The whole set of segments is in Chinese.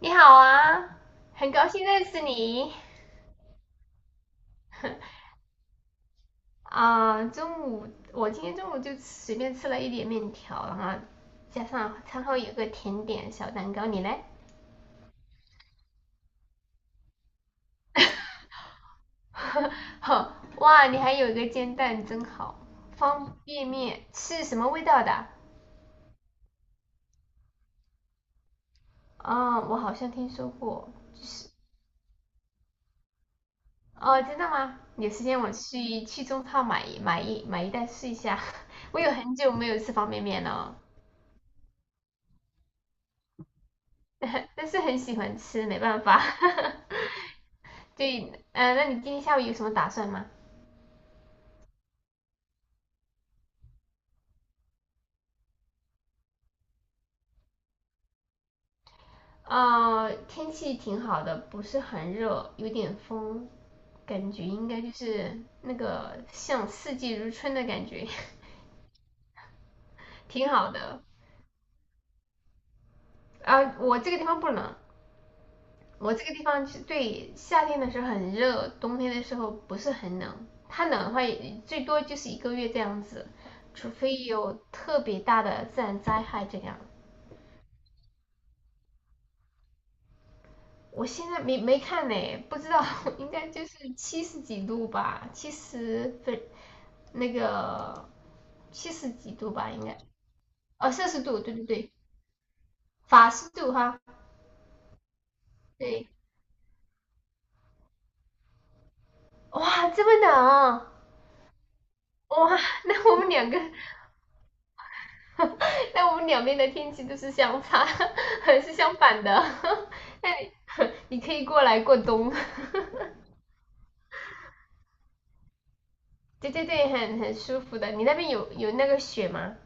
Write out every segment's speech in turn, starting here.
你好啊，很高兴认识你。中午我今天中午就随便吃了一点面条，然后加上餐后有个甜点小蛋糕，你嘞？呵，哇，你还有一个煎蛋，真好。方便面是什么味道的？我好像听说过，就是哦，真的吗？有时间我去去中超买一袋试一下。我有很久没有吃方便面了，但是很喜欢吃，没办法。对，那你今天下午有什么打算吗？天气挺好的，不是很热，有点风，感觉应该就是那个像四季如春的感觉，挺好的。啊，我这个地方不冷，我这个地方就是对夏天的时候很热，冬天的时候不是很冷。它冷的话，也最多就是一个月这样子，除非有特别大的自然灾害这样。我现在没看呢，不知道，应该就是七十几度吧，七十分那个七十几度吧，应该哦摄氏度，对对对，法氏度哈，对，哇，这么冷啊哇，那我们两个，那我们两边的天气都是相差，是相反的，你可以过来过冬，对对对，很舒服的，你那边有那个雪吗？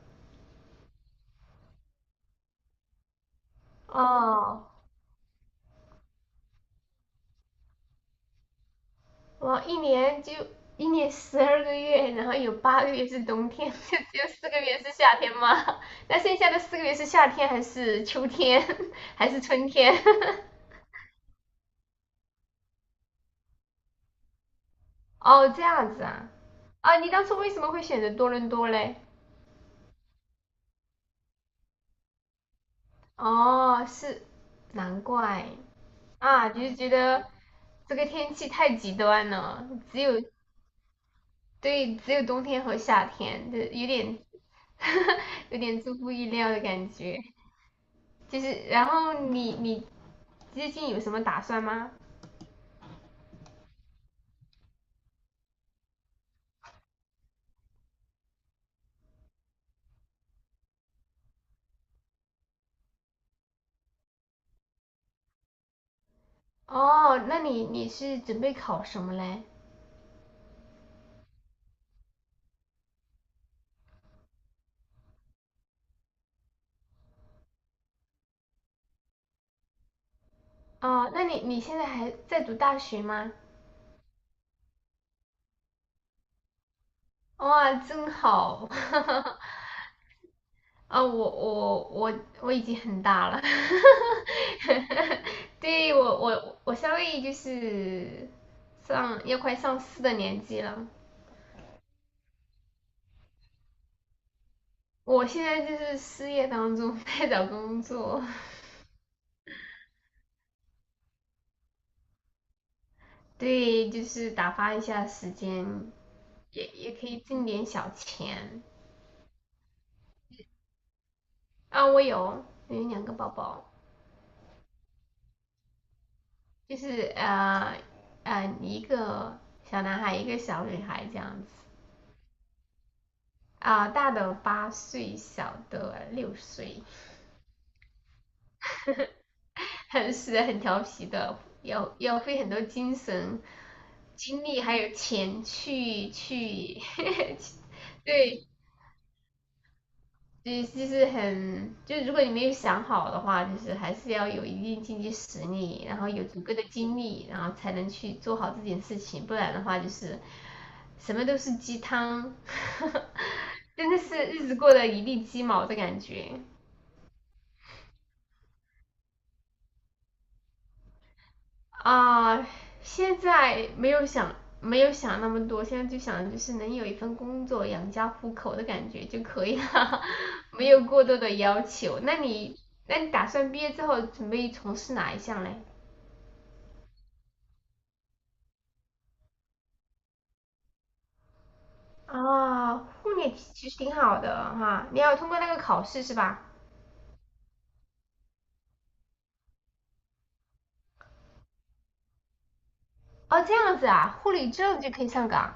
哦，我一年就一年12个月，然后有8个月是冬天，就只有4个月是夏天嘛。那剩下的4个月是夏天还是秋天 还是春天？哦，这样子啊。啊，你当初为什么会选择多伦多嘞？哦，是，难怪啊，就是觉得这个天气太极端了，只有对，只有冬天和夏天，就有点 有点出乎意料的感觉。就是，然后你最近有什么打算吗？哦，那你是准备考什么嘞？哦，那你现在还在读大学吗？哇，真好！我我已经很大了，对我稍微就是上要快上四的年纪了，我现在就是失业当中在找工作，对，就是打发一下时间，也可以挣点小钱。啊，我有两个宝宝，就是呃一个小男孩，一个小女孩这样子。大的8岁，小的6岁，很是很调皮的，要费很多精神、精力还有钱去，对，对，就是很，就如果你没有想好的话，就是还是要有一定经济实力，然后有足够的精力，然后才能去做好这件事情，不然的话就是什么都是鸡汤，真的是日子过得一地鸡毛的感觉。啊、呃现在没有想没有想那么多，现在就想就是能有一份工作养家糊口的感觉就可以了，没有过多的要求。那你那你打算毕业之后准备从事哪一项嘞？啊，护理其实挺好的哈，你要通过那个考试是吧？哦，这样子啊，护理证就可以上岗。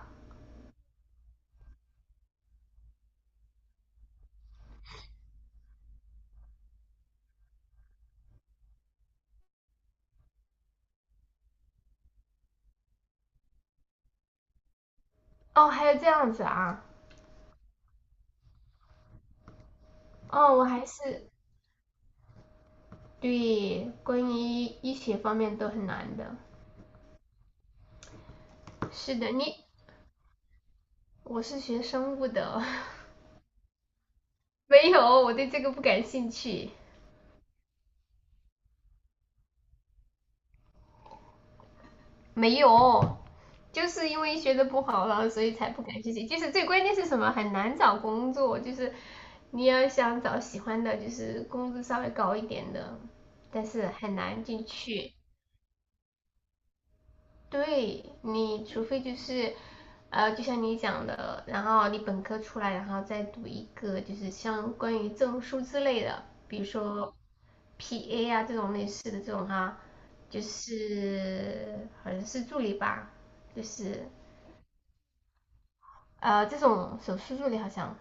哦，还有这样子啊，哦，我还是对关于医学方面都很难的。是的，你我是学生物的，没有，我对这个不感兴趣。没有，就是因为学的不好了，所以才不感兴趣。就是最关键是什么？很难找工作，就是你要想找喜欢的，就是工资稍微高一点的，但是很难进去。对，你除非就是，就像你讲的，然后你本科出来，然后再读一个就是相关于证书之类的，比如说 PA 啊这种类似的这种哈，就是好像是助理吧，就是这种手术助理好像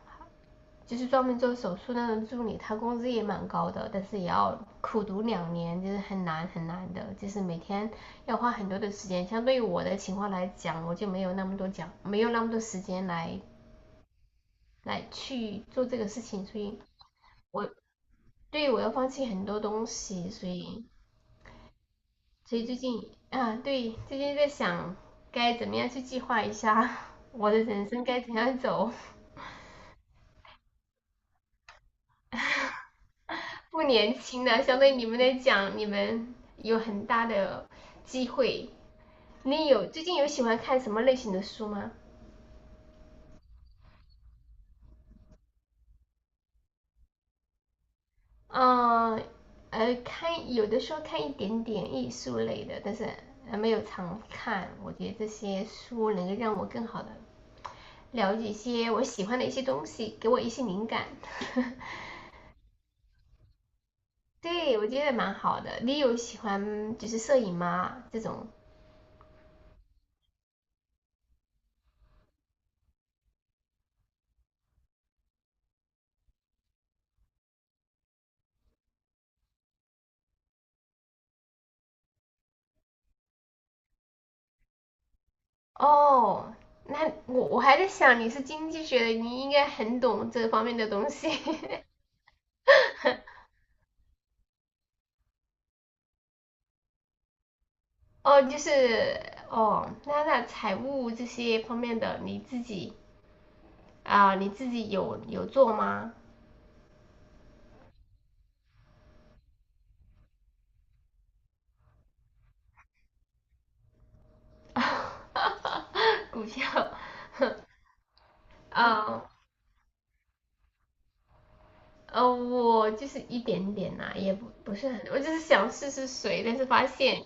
就是专门做手术那种助理，他工资也蛮高的，但是也要苦读2年，就是很难很难的，就是每天要花很多的时间。相对于我的情况来讲，我就没有那么多讲，没有那么多时间来去做这个事情，所以我对于我要放弃很多东西，所以所以最近，啊，对，最近在想该怎么样去计划一下我的人生该怎样走。不年轻了，相对你们来讲，你们有很大的机会。你有最近有喜欢看什么类型的书吗？嗯，看有的时候看一点点艺术类的，但是没有常看。我觉得这些书能够让我更好的了解一些我喜欢的一些东西，给我一些灵感。对，我觉得蛮好的。你有喜欢就是摄影吗？这种哦，那我还在想你是经济学的，你应该很懂这方面的东西。哦，就是哦，那那财务这些方面的你自己你自己有做吗？股票，啊、我就是一点点啦、也不不是很，我就是想试试水，但是发现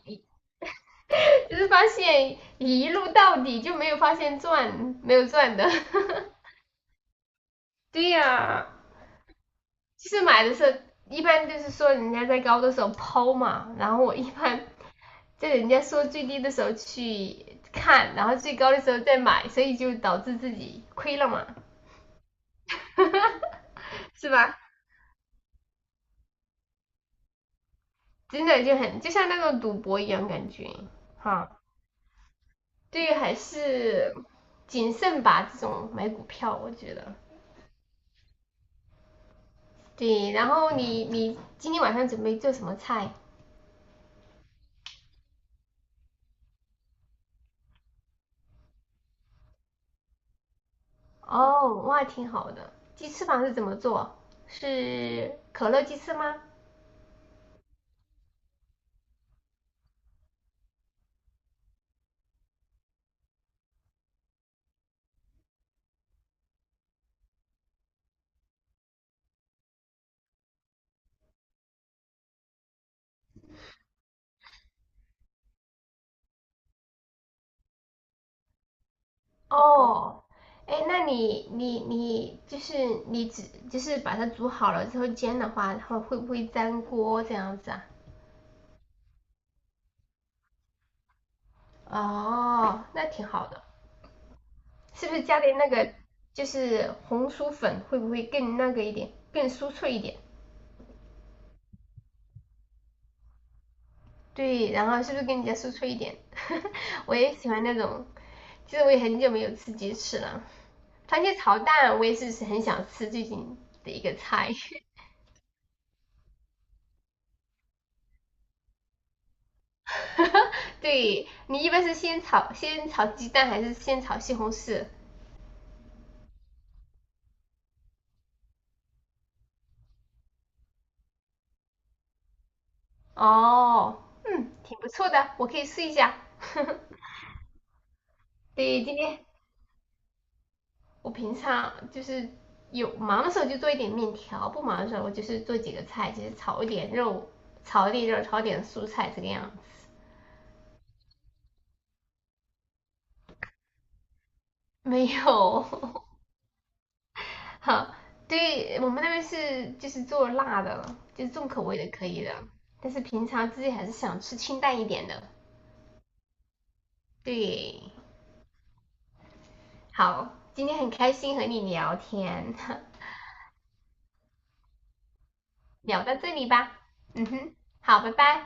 就是发现一路到底就没有发现赚，没有赚的。对呀、啊其实买的时候一般就是说人家在高的时候抛嘛，然后我一般在人家说最低的时候去看，然后最高的时候再买，所以就导致自己亏了嘛，是吧？真的就很就像那种赌博一样感觉，哈。对于还是谨慎吧，这种买股票我觉得。对，然后你今天晚上准备做什么菜？哦，哇，挺好的。鸡翅膀是怎么做？是可乐鸡翅吗？哦，哎，那你就是你只就是把它煮好了之后煎的话，它会不会粘锅这样子啊？哦，那挺好的。是不是加点那个就是红薯粉会不会更那个一点，更酥脆一点？对，然后是不是更加酥脆一点？我也喜欢那种，其实我也很久没有吃鸡翅了。番茄炒蛋我也是很想吃最近的一个菜。对，你一般是先炒鸡蛋还是先炒西红柿？哦，嗯，挺不错的，我可以试一下。对，今天我平常就是有忙的时候就做一点面条，不忙的时候我就是做几个菜，就是炒一点肉，炒一点肉，炒一点蔬菜这个样子。没有，好，对我们那边是就是做辣的，就是重口味的可以的，但是平常自己还是想吃清淡一点的。对，好，今天很开心和你聊天，聊到这里吧。嗯哼，好，拜拜。